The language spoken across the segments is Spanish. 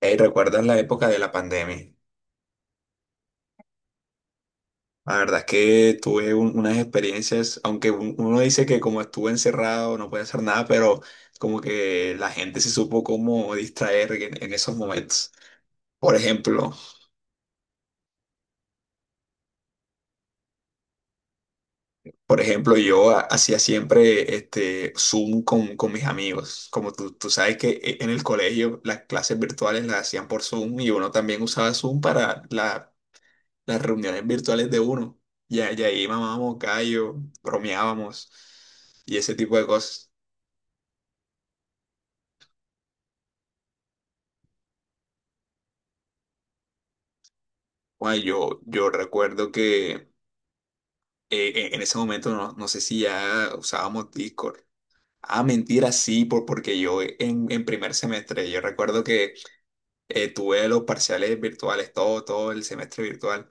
Hey, ¿recuerdas la época de la pandemia? La verdad es que tuve unas experiencias, aunque uno dice que como estuve encerrado no puede hacer nada, pero como que la gente se supo cómo distraer en esos momentos. Por ejemplo, por ejemplo, yo hacía siempre este Zoom con mis amigos. Como tú sabes que en el colegio las clases virtuales las hacían por Zoom y uno también usaba Zoom para las reuniones virtuales de uno. Ya ahí mamábamos callo, bromeábamos y ese tipo de cosas. Bueno, yo recuerdo que en ese momento no sé si ya usábamos Discord. Ah, mentira, sí, porque yo en primer semestre, yo recuerdo que tuve los parciales virtuales, todo el semestre virtual.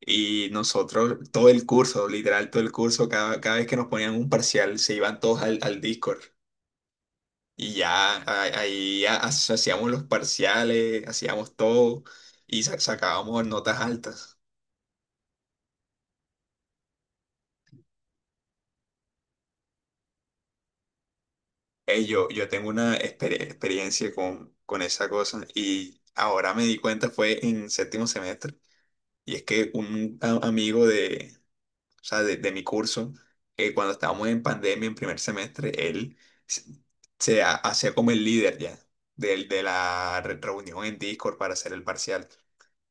Y nosotros, todo el curso, literal, todo el curso, cada vez que nos ponían un parcial, se iban todos al Discord. Y ya ahí hacíamos los parciales, hacíamos todo y sacábamos notas altas. Yo tengo una experiencia con esa cosa y ahora me di cuenta fue en séptimo semestre. Y es que un amigo de, o sea, de mi curso, cuando estábamos en pandemia en primer semestre, él se, se hacía como el líder ya la reunión en Discord para hacer el parcial.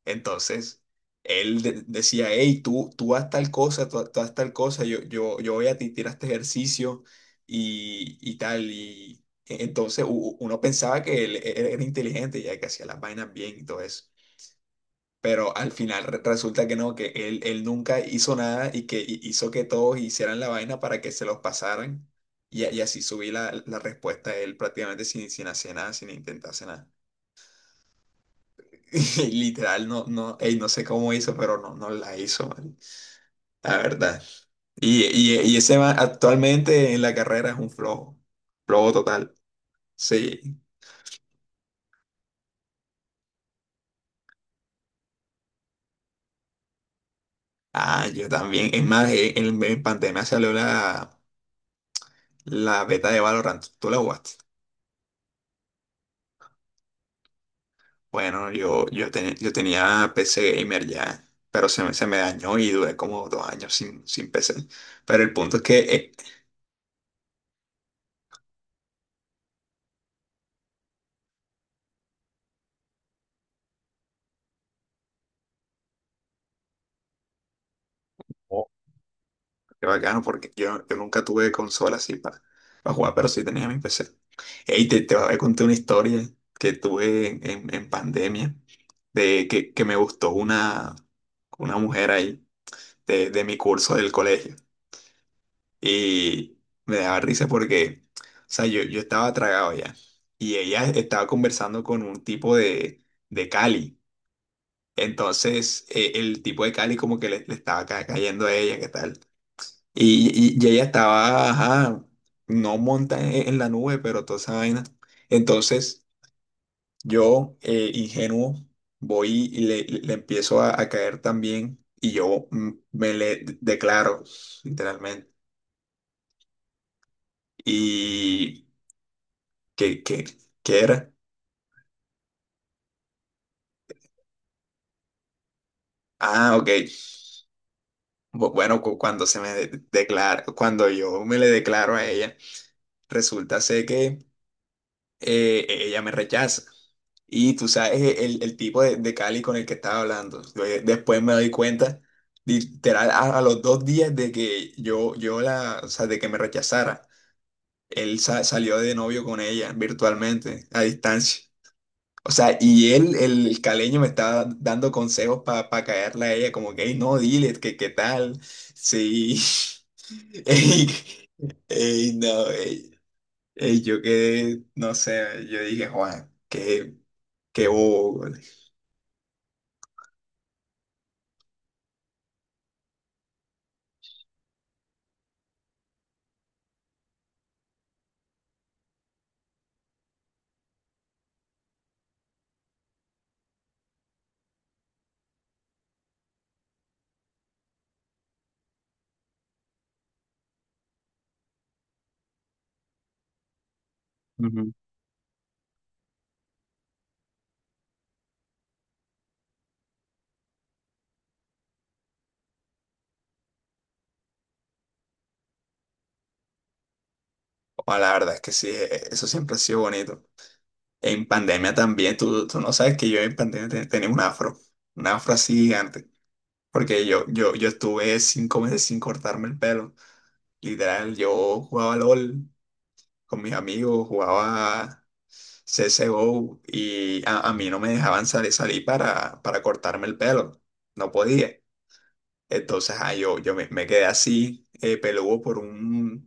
Entonces, él decía, hey, tú haz tal cosa, tú haz tal cosa, yo voy a ti, tira este ejercicio y tal. Y entonces uno pensaba que él era inteligente, ya que hacía las vainas bien y todo eso. Pero al final resulta que no, que él nunca hizo nada y que hizo que todos hicieran la vaina para que se los pasaran. Y, y así subí la respuesta de él prácticamente sin hacer nada, sin intentar hacer nada. Literal, no, ey, no sé cómo hizo, pero no la hizo, man, la verdad. Y ese man actualmente en la carrera es un flojo, flojo total. Sí. Ah, yo también. Es más, en pandemia salió la beta de Valorant. ¿Tú la jugaste? Bueno, yo tenía PC gamer ya, pero se me dañó y duré como 2 años sin PC. Pero el punto es que qué bacano, porque yo nunca tuve consola así para jugar, pero sí tenía mi PC. Ey, te voy a contar una historia que tuve en pandemia, de que me gustó una mujer ahí de mi curso del colegio. Y me daba risa porque, o sea, yo estaba tragado ya. Y ella estaba conversando con un tipo de Cali. Entonces, el tipo de Cali como que le estaba cayendo a ella, ¿qué tal? Y, y ella estaba, ajá, no monta en la nube, pero toda esa vaina. Entonces yo, ingenuo, voy y le empiezo a caer también y yo me le declaro, literalmente. ¿Y qué, qué, qué era? Ah, ok. Bueno, cuando se me declara, cuando yo me le declaro a ella, resulta ser que... ella me rechaza. Y tú sabes e, el tipo de Cali con el que estaba hablando. Después me doy cuenta, literal, a los 2 días de que yo la, o sea, de que me rechazara, él salió de novio con ella virtualmente, a distancia. O sea, y él, el caleño, me estaba dando consejos para caerle a ella, como que, "Ey, no, dile, que qué tal. Sí. Ey, ey, no, ey, y yo quedé, no sé, yo dije, Juan, qué, qué bobo. Güey". Ujú. Bueno, la verdad es que sí, eso siempre ha sido bonito. En pandemia también, tú no sabes que yo en pandemia tenía un afro así gigante, porque yo estuve 5 meses sin cortarme el pelo. Literal, yo jugaba LOL con mis amigos, jugaba CSGO y a mí no me dejaban salir para cortarme el pelo. No podía. Entonces, ah, me quedé así, peludo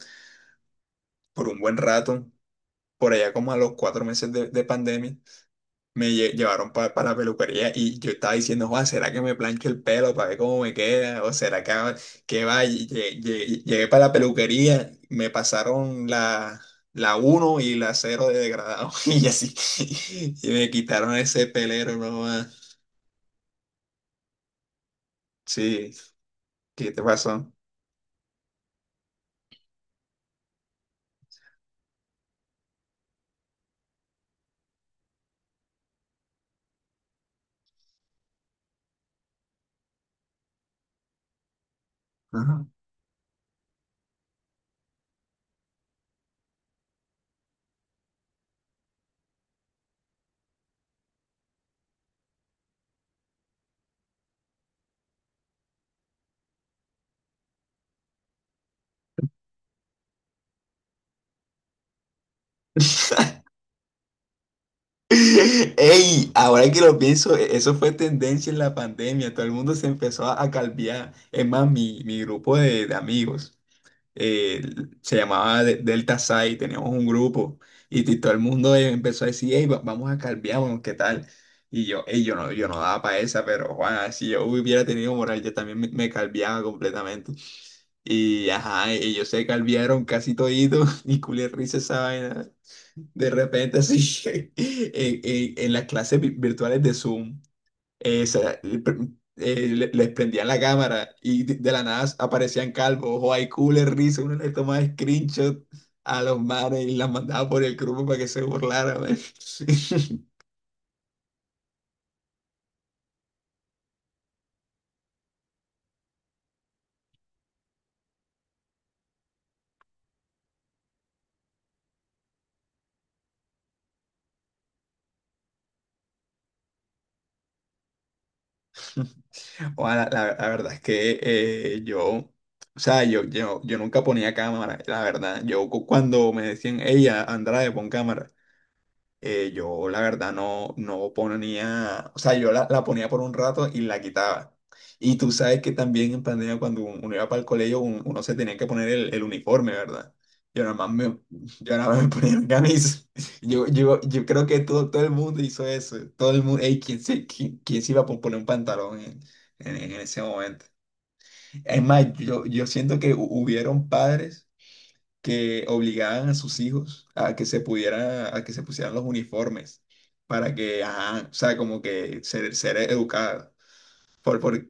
por un buen rato. Por allá como a los 4 meses de pandemia, me llevaron para la peluquería y yo estaba diciendo, "Joa, ¿será que me plancho el pelo para ver cómo me queda? ¿O será que, haga- que va? Y llegué para la peluquería, me pasaron la uno y la cero de degradado y así. Y me quitaron ese pelero nomás. Sí, ¿qué te pasó? Ajá. Ey, ahora que lo pienso, e-, eso fue tendencia en la pandemia. Todo el mundo se empezó a calviar. Es más, mi grupo de amigos eh, se llamaba Delta Psi. Teníamos un grupo y todo el mundo empezó a decir, hey, vamos a calviarnos, ¿qué tal? Y yo, "Ey, yo no, yo no daba para esa, pero Juan, si yo hubiera tenido moral, yo también me calviaba completamente. Y ajá, ellos se calviaron casi toditos y culé risa esa vaina. De repente, sí en las clases virtuales de Zoom, sa- pr- les prendían la cámara y de la nada aparecían calvos, o hay cooler, risa, uno le tomaba screenshot a los manes y las mandaba por el grupo para que se burlaran. Man. O la verdad es que yo, o sea, yo nunca ponía cámara, la verdad. Yo cuando me decían, ella, Andrade, pon cámara. Eh, yo la verdad no ponía, o sea, yo la ponía por un rato y la quitaba. Y tú sabes que también en pandemia cuando uno iba para el colegio uno se tenía que poner el uniforme, ¿verdad? Yo nada más me, yo nada más me ponía la camisa. Yo creo que todo el mundo hizo eso. Todo el mundo, ey, ¿quién se, quién se iba a poner un pantalón en ese momento? Es más, yo siento que hubieron padres que obligaban a sus hijos a que se pudiera, a que se pusieran los uniformes para que, ajá, o sea, como que ser educada. Por-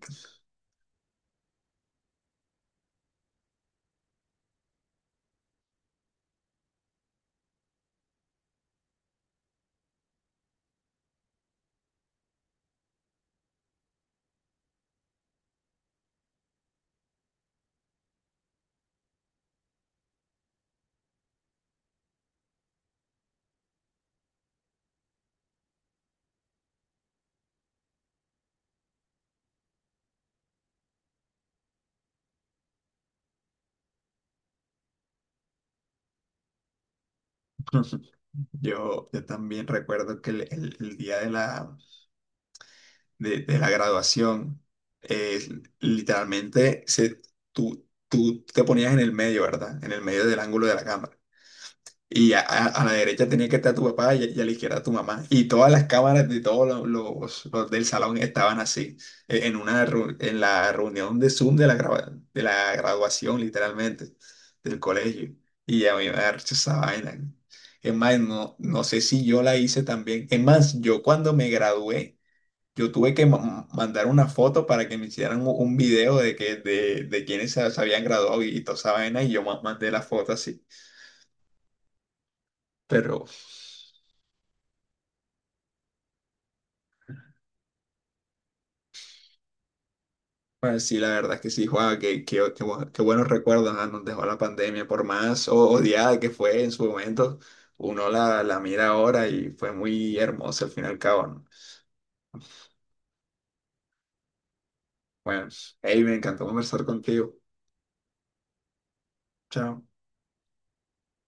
yo también recuerdo que el día de de la graduación, eh, literalmente se, tú te ponías en el medio, ¿verdad? En el medio del ángulo de la cámara. Y a la derecha tenía que estar tu papá y a la izquierda tu mamá. Y todas las cámaras de todos los del salón estaban así, en una en la reunión de Zoom de la, grava- de la graduación, literalmente, del colegio. Y a mí me da risa esa vaina. Es más, no sé si yo la hice también. Es más, yo cuando me gradué, yo tuve que mandar una foto para que me hicieran un video de, de quienes se habían graduado y toda esa vaina, y yo mandé la foto así. Pero. Pues sí, la verdad es que sí, Juan, qué buenos recuerdos ah, nos dejó la pandemia, por más odiada que fue en su momento, uno la mira ahora y fue muy hermosa al fin y al cabo, ¿no? Bueno, hey, me encantó conversar contigo. Chao.